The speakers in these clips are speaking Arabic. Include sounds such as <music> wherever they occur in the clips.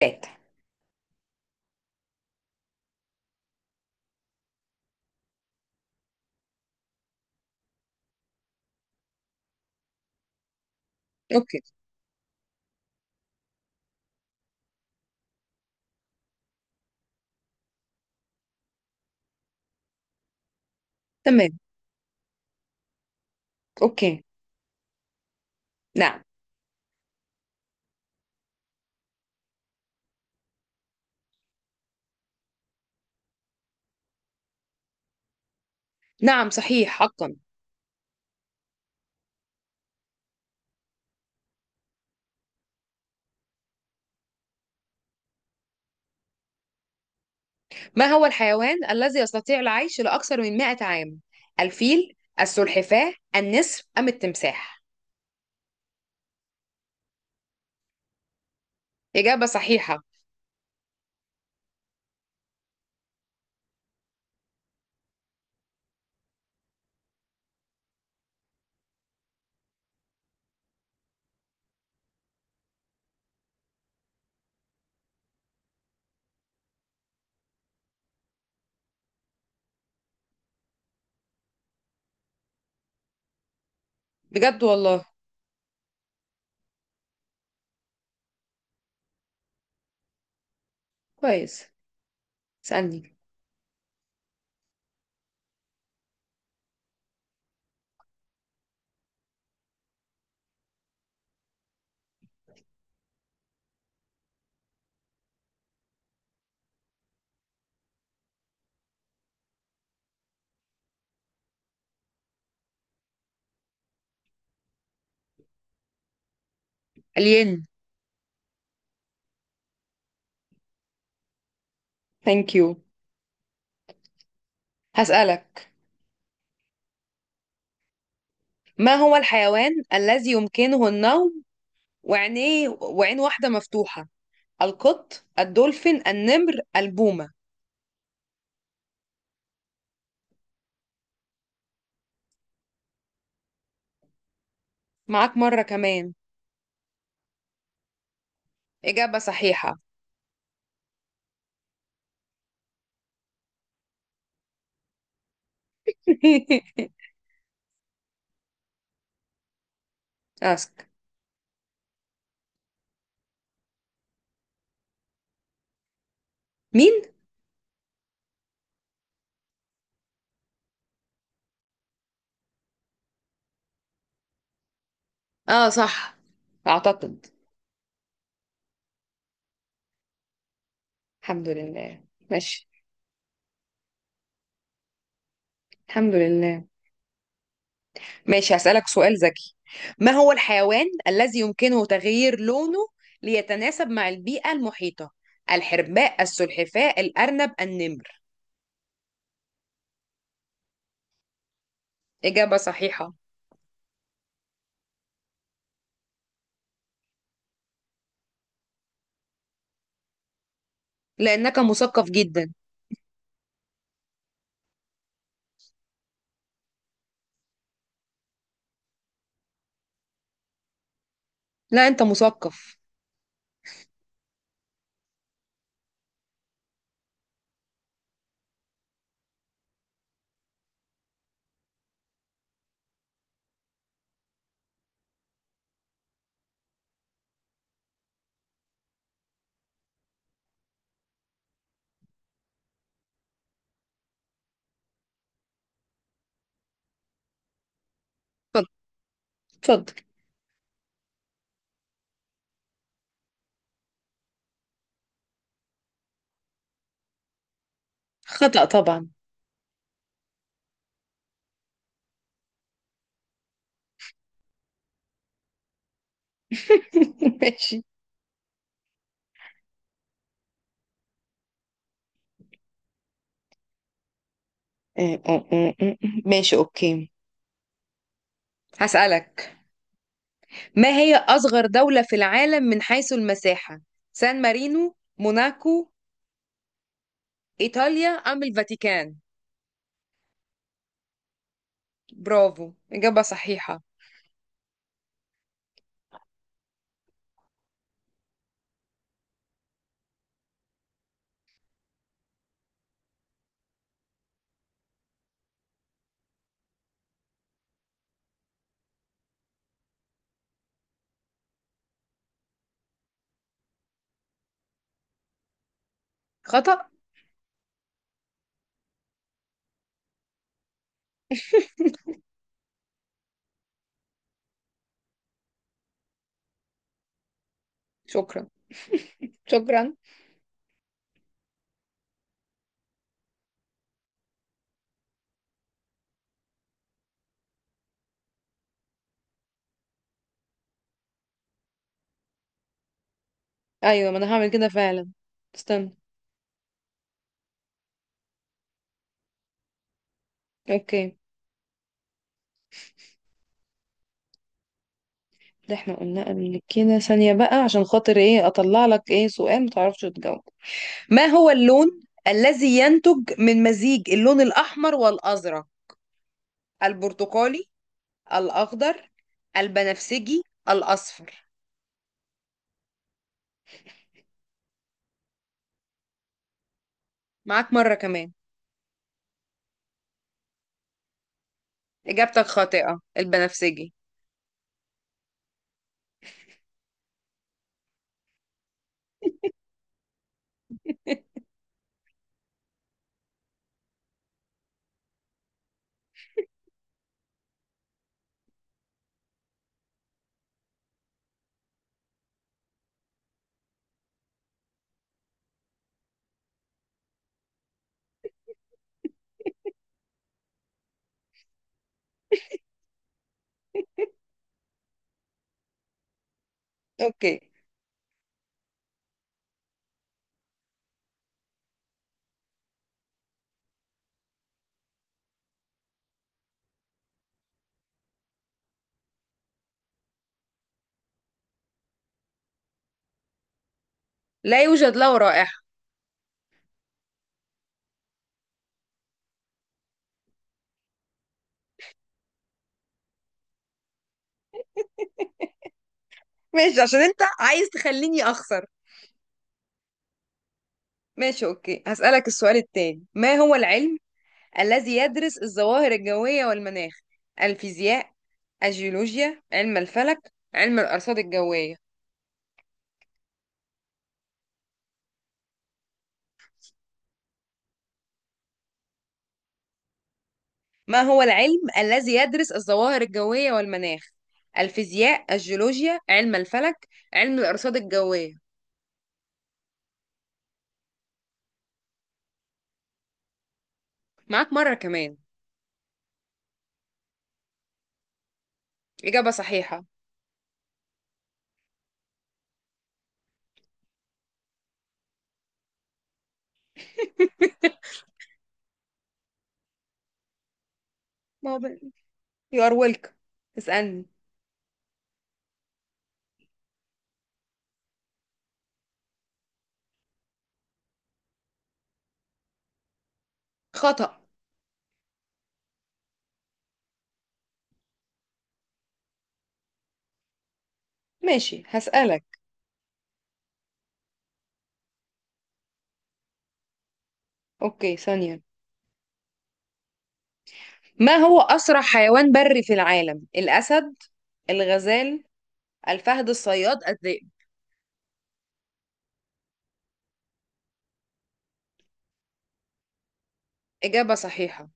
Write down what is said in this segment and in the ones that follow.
فات. اوكي. تمام. اوكي. نعم. نعم صحيح حقا. ما هو الحيوان الذي يستطيع العيش لأكثر من 100 عام؟ الفيل، السلحفاة، النسر أم التمساح؟ إجابة صحيحة. بجد والله. كويس. اسألني. الين. ثانك يو. هسألك، ما هو الحيوان الذي يمكنه النوم وعينيه وعين واحدة مفتوحة؟ القط، الدولفين، النمر، البومة؟ معاك مرة كمان. إجابة صحيحة. <laughs> أسك. مين؟ اه صح، اعتقد. الحمد لله. ماشي. الحمد لله. ماشي، هسألك سؤال ذكي. ما هو الحيوان الذي يمكنه تغيير لونه ليتناسب مع البيئة المحيطة؟ الحرباء، السلحفاء، الأرنب، النمر؟ إجابة صحيحة. لأنك مثقف جدا. لا، أنت مثقف. اتفضل، اتفضل. خطأ طبعا. <laughs> ماشي. ماشي، أوكي، هسألك. ما هي أصغر دولة في العالم من حيث المساحة؟ سان مارينو، موناكو، إيطاليا أم الفاتيكان؟ برافو، إجابة صحيحة. خطأ. شكرا، شكرا. أيوة، ما أنا هعمل كده فعلا. استنى. أوكي. ده احنا قلنا قبل كده ثانية بقى عشان خاطر ايه أطلع لك ايه سؤال متعرفش تجاوب. ما هو اللون الذي ينتج من مزيج اللون الأحمر والأزرق؟ البرتقالي، الأخضر، البنفسجي، الأصفر؟ معاك مرة كمان. إجابتك خاطئة، البنفسجي. اوكي. لا يوجد له رائحة. ماشي، عشان انت عايز تخليني اخسر. ماشي، اوكي، هسألك السؤال التاني. ما هو العلم الذي يدرس الظواهر الجوية والمناخ؟ الفيزياء، الجيولوجيا، علم الفلك، علم الأرصاد الجوية؟ ما هو العلم الذي يدرس الظواهر الجوية والمناخ؟ الفيزياء، الجيولوجيا، علم الفلك، علم الأرصاد الجوية؟ معاك مرة كمان. إجابة صحيحة. ما هو بقى- you are welcome. اسألني. خطأ. ماشي، هسألك. أوكي، ثانية. ما هو أسرع حيوان بري في العالم؟ الأسد، الغزال، الفهد الصياد، الذئب؟ إجابة صحيحة.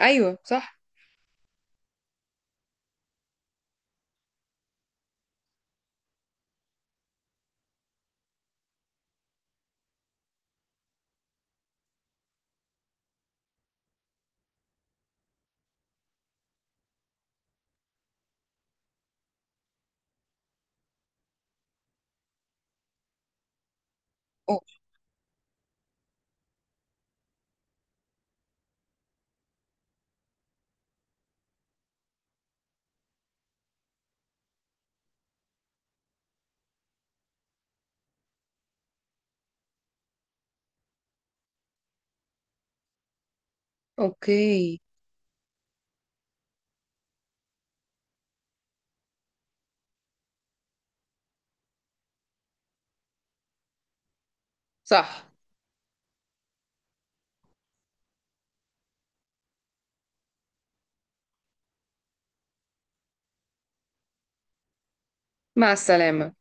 أيوة صح. أو- أوكي، صح. مع السلامة.